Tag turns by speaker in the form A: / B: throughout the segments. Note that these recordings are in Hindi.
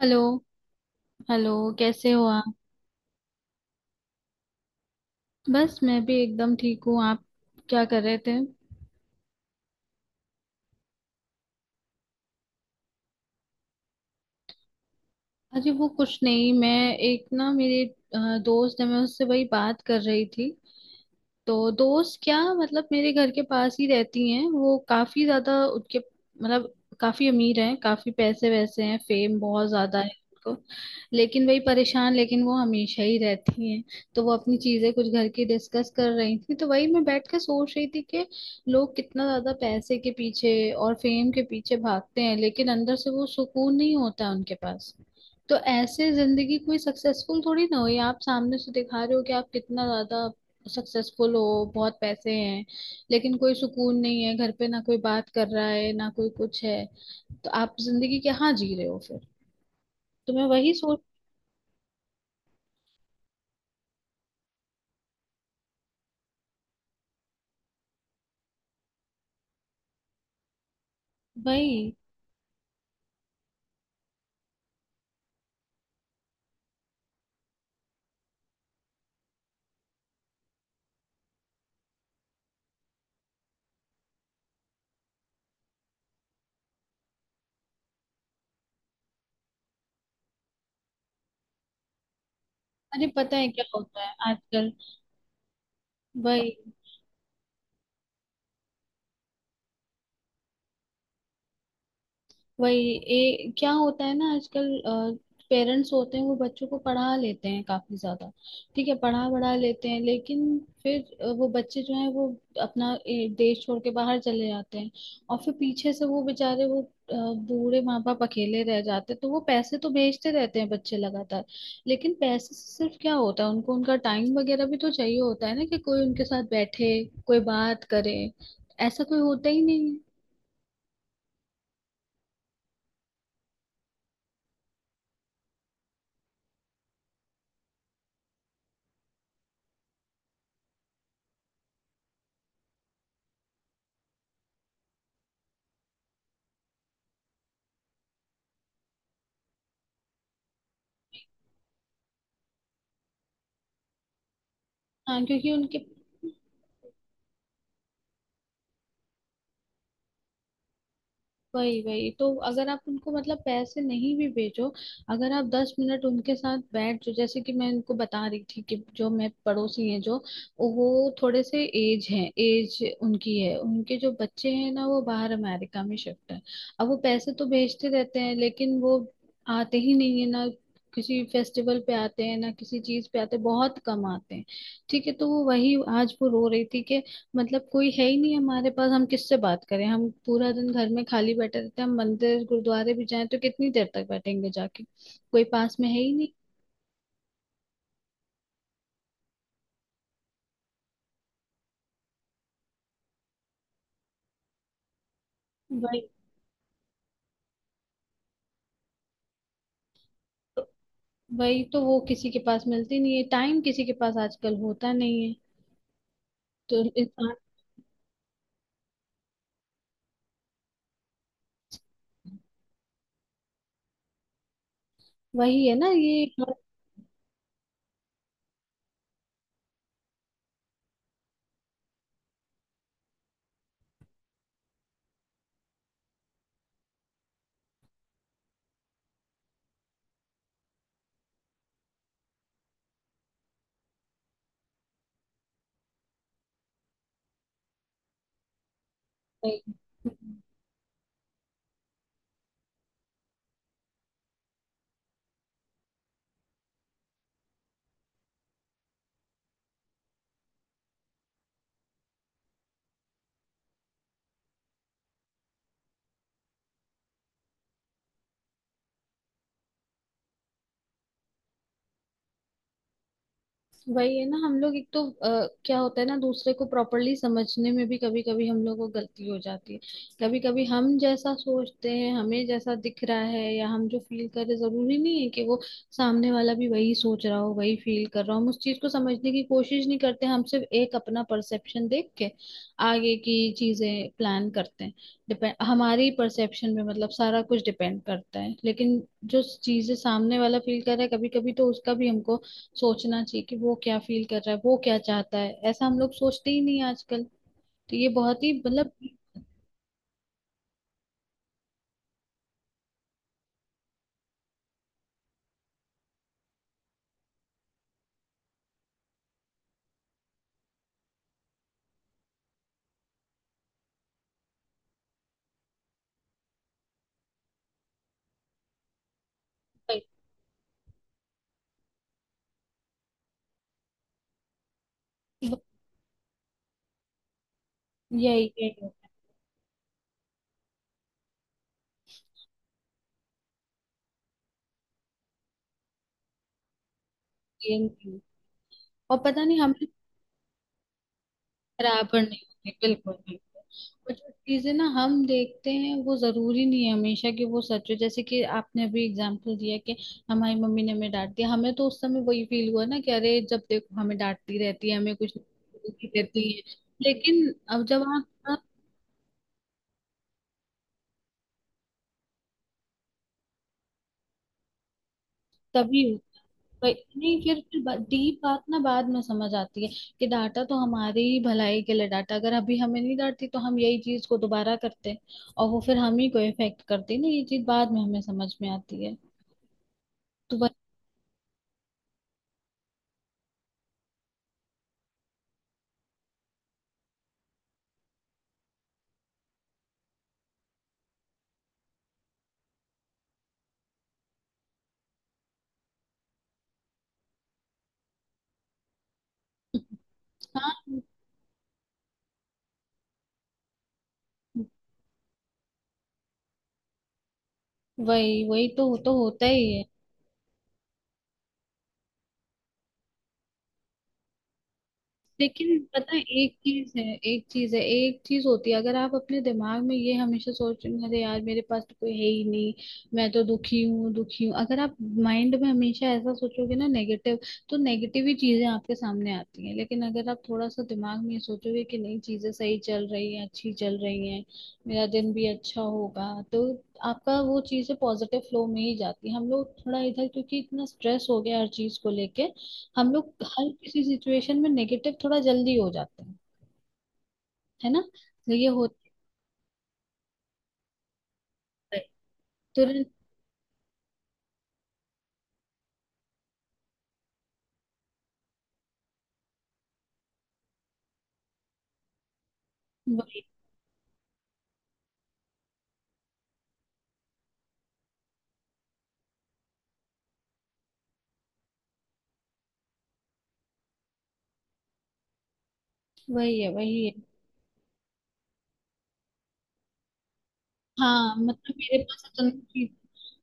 A: हेलो। हेलो, कैसे हो आप? बस मैं भी एकदम ठीक हूँ। आप क्या कर रहे थे? अरे वो कुछ नहीं, मैं एक मेरे दोस्त है, मैं उससे वही बात कर रही थी। तो दोस्त, क्या मतलब मेरे घर के पास ही रहती हैं वो, काफी ज्यादा उनके, मतलब काफी अमीर हैं, काफी पैसे वैसे हैं, फेम बहुत ज्यादा है उनको। लेकिन वही परेशान लेकिन वो हमेशा ही रहती हैं। तो वो अपनी चीजें कुछ घर की डिस्कस कर रही थी, तो वही मैं बैठ के सोच रही थी कि लोग कितना ज्यादा पैसे के पीछे और फेम के पीछे भागते हैं, लेकिन अंदर से वो सुकून नहीं होता है उनके पास। तो ऐसे जिंदगी कोई सक्सेसफुल थोड़ी ना हुई। आप सामने से दिखा रहे हो कि आप कितना ज्यादा सक्सेसफुल हो, बहुत पैसे हैं, लेकिन कोई सुकून नहीं है, घर पे ना कोई बात कर रहा है ना कोई कुछ है। तो आप जिंदगी क्या जी रहे हो फिर? तो मैं वही सोच। वही, अरे पता है क्या होता है आजकल। वही। वही क्या होता है ना आजकल, पेरेंट्स होते हैं, वो बच्चों को पढ़ा लेते हैं काफी ज्यादा। ठीक है, पढ़ा बढ़ा लेते हैं, लेकिन फिर वो बच्चे जो हैं वो अपना देश छोड़ के बाहर चले जाते हैं। और फिर पीछे से वो बेचारे वो बूढ़े माँ बाप अकेले रह जाते हैं, तो वो पैसे तो भेजते रहते हैं बच्चे लगातार, लेकिन पैसे से सिर्फ क्या होता है, उनको उनका टाइम वगैरह भी तो चाहिए होता है ना, कि कोई उनके साथ बैठे, कोई बात करे। ऐसा कोई होता ही नहीं है। हाँ क्योंकि उनके, वही, वही तो। अगर आप उनको मतलब पैसे नहीं भी भेजो, अगर आप 10 मिनट उनके साथ बैठ जो, जैसे कि मैं उनको बता रही थी कि जो मैं पड़ोसी हैं जो, वो, थोड़े से एज है, एज उनकी है, उनके जो बच्चे हैं ना वो बाहर अमेरिका में शिफ्ट है। अब वो पैसे तो भेजते रहते हैं, लेकिन वो आते ही नहीं है ना, किसी फेस्टिवल पे आते हैं ना, किसी चीज पे आते हैं, बहुत कम आते हैं। ठीक है, तो वो वही आज वो रो रही थी कि मतलब कोई है ही नहीं हमारे पास, हम किससे बात करें, हम पूरा दिन घर में खाली बैठे रहते हैं, हम मंदिर गुरुद्वारे भी जाएं तो कितनी देर तक बैठेंगे जाके, कोई पास में है ही नहीं। वही, वही तो। वो किसी के पास मिलती नहीं है टाइम, किसी के पास आजकल होता नहीं है। तो इंसान, वही है ना, ये हर-। वही। वही है ना। हम लोग एक तो क्या होता है ना, दूसरे को प्रॉपरली समझने में भी कभी कभी हम लोग को गलती हो जाती है। कभी कभी हम जैसा सोचते हैं, हमें जैसा दिख रहा है, या हम जो फील कर रहे, जरूरी नहीं है कि वो सामने वाला भी वही सोच रहा हो, वही फील कर रहा हो। हम उस चीज को समझने की कोशिश नहीं करते, हम सिर्फ एक अपना परसेप्शन देख के आगे की चीजें प्लान करते हैं। डिपेंड हमारी परसेप्शन में मतलब सारा कुछ डिपेंड करता है, लेकिन जो चीजें सामने वाला फील कर रहा है, कभी कभी तो उसका भी हमको सोचना चाहिए कि वो क्या फील कर रहा है, वो क्या चाहता है। ऐसा हम लोग सोचते ही नहीं आजकल। तो ये बहुत ही मतलब, यही यही होता है। ये नहीं। और पता नहीं हमें, बराबर नहीं होते बिल्कुल भी। और जो चीजें ना हम देखते हैं, वो जरूरी नहीं है हमेशा कि वो सच हो। जैसे कि आपने अभी एग्जांपल दिया कि हमारी मम्मी ने हमें डांट दिया, हमें तो उस समय वही फील हुआ ना कि अरे जब देखो हमें डांटती रहती है, हमें कुछ नहीं देती है। लेकिन अब जब आप, तभी, वही, नहीं, फिर डीप बात ना बाद में समझ आती है कि डांटा तो हमारी ही भलाई के लिए डांटा। अगर अभी हमें नहीं डांटती तो हम यही चीज को दोबारा करते और वो फिर हम ही को इफेक्ट करती ना, ये चीज बाद में हमें समझ में आती है। तो वही। हाँ, वही, वही तो होता ही है। लेकिन पता है एक चीज है, एक चीज है, एक चीज होती है, अगर आप अपने दिमाग में ये हमेशा सोच रहे हैं अरे यार मेरे पास तो कोई है ही नहीं, मैं तो दुखी हूँ दुखी हूँ, अगर आप माइंड में हमेशा ऐसा सोचोगे ना नेगेटिव, तो नेगेटिव ही चीजें आपके सामने आती हैं। लेकिन अगर आप थोड़ा सा दिमाग में ये सोचोगे कि नहीं, चीजें सही चल रही हैं, अच्छी चल रही हैं, मेरा दिन भी अच्छा होगा, तो आपका वो चीजें पॉजिटिव फ्लो में ही जाती है। हम लोग थोड़ा इधर, क्योंकि इतना स्ट्रेस हो गया हर चीज को लेके, हम लोग हर किसी सिचुएशन में नेगेटिव थोड़ा जल्दी हो जाते हैं, है ना, तो ये होता है तुरंत। वही, वही है, वही है। हाँ मतलब मेरे पास तो चीज,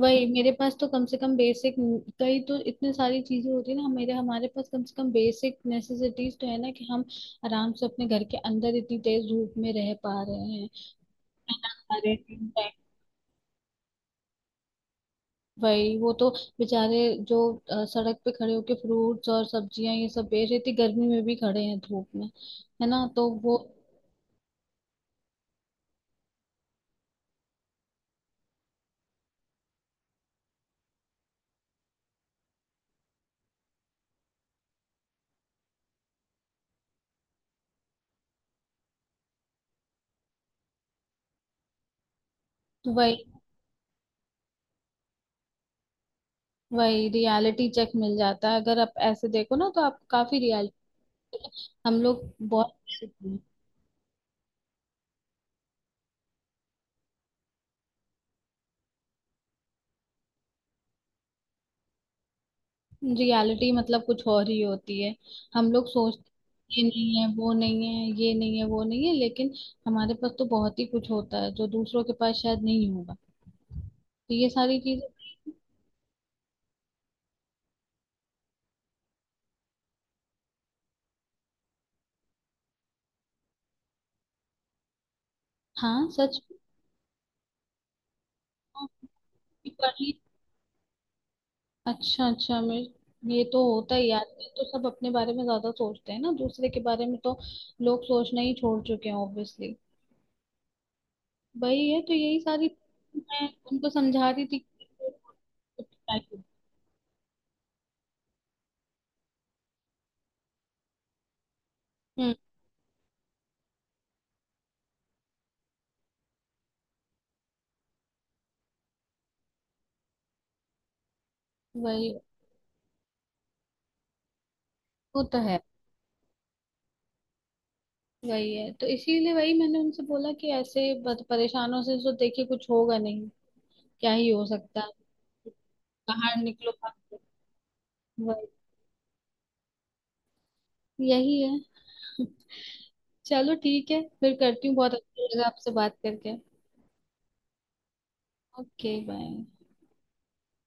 A: वही मेरे पास तो कम से कम बेसिक, कई तो इतने सारी चीजें होती है ना मेरे, हमारे पास कम से कम बेसिक नेसेसिटीज तो है ना, कि हम आराम से अपने घर के अंदर इतनी तेज धूप में रह पा रहे हैं, खाना खा रहे हैं। वही, वो तो बेचारे, जो सड़क पे खड़े होके फ्रूट्स और सब्जियां ये सब बेच रहे थे, गर्मी में भी खड़े हैं धूप में, है ना, तो वो। वही, वही, रियलिटी चेक मिल जाता है अगर आप ऐसे देखो ना, तो आप काफी रियल। हम लोग बहुत, रियलिटी मतलब कुछ और ही होती है। हम लोग सोचते हैं, ये नहीं है वो नहीं है, ये नहीं है वो नहीं है, लेकिन हमारे पास तो बहुत ही कुछ होता है जो दूसरों के पास शायद नहीं होगा। तो ये सारी चीजें। हाँ सच में। हाँ, पढ़ ली, अच्छा अच्छा मेरे, ये तो होता ही है आजकल, तो सब अपने बारे में ज्यादा सोचते हैं ना, दूसरे के बारे में तो लोग सोचना ही छोड़ चुके हैं ऑब्वियसली। वही है, तो यही सारी, मैं उनको समझा रही थी कि-। हम्म, वही, वो तो है, वही है, तो इसीलिए वही मैंने उनसे बोला कि ऐसे बद-, परेशानों से तो देखिए कुछ होगा नहीं, क्या ही हो सकता है। बाहर निकलो, बाहर निकलो। वही, यही है। चलो ठीक है, फिर करती हूँ, बहुत अच्छा लगा आपसे बात करके। Okay, bye.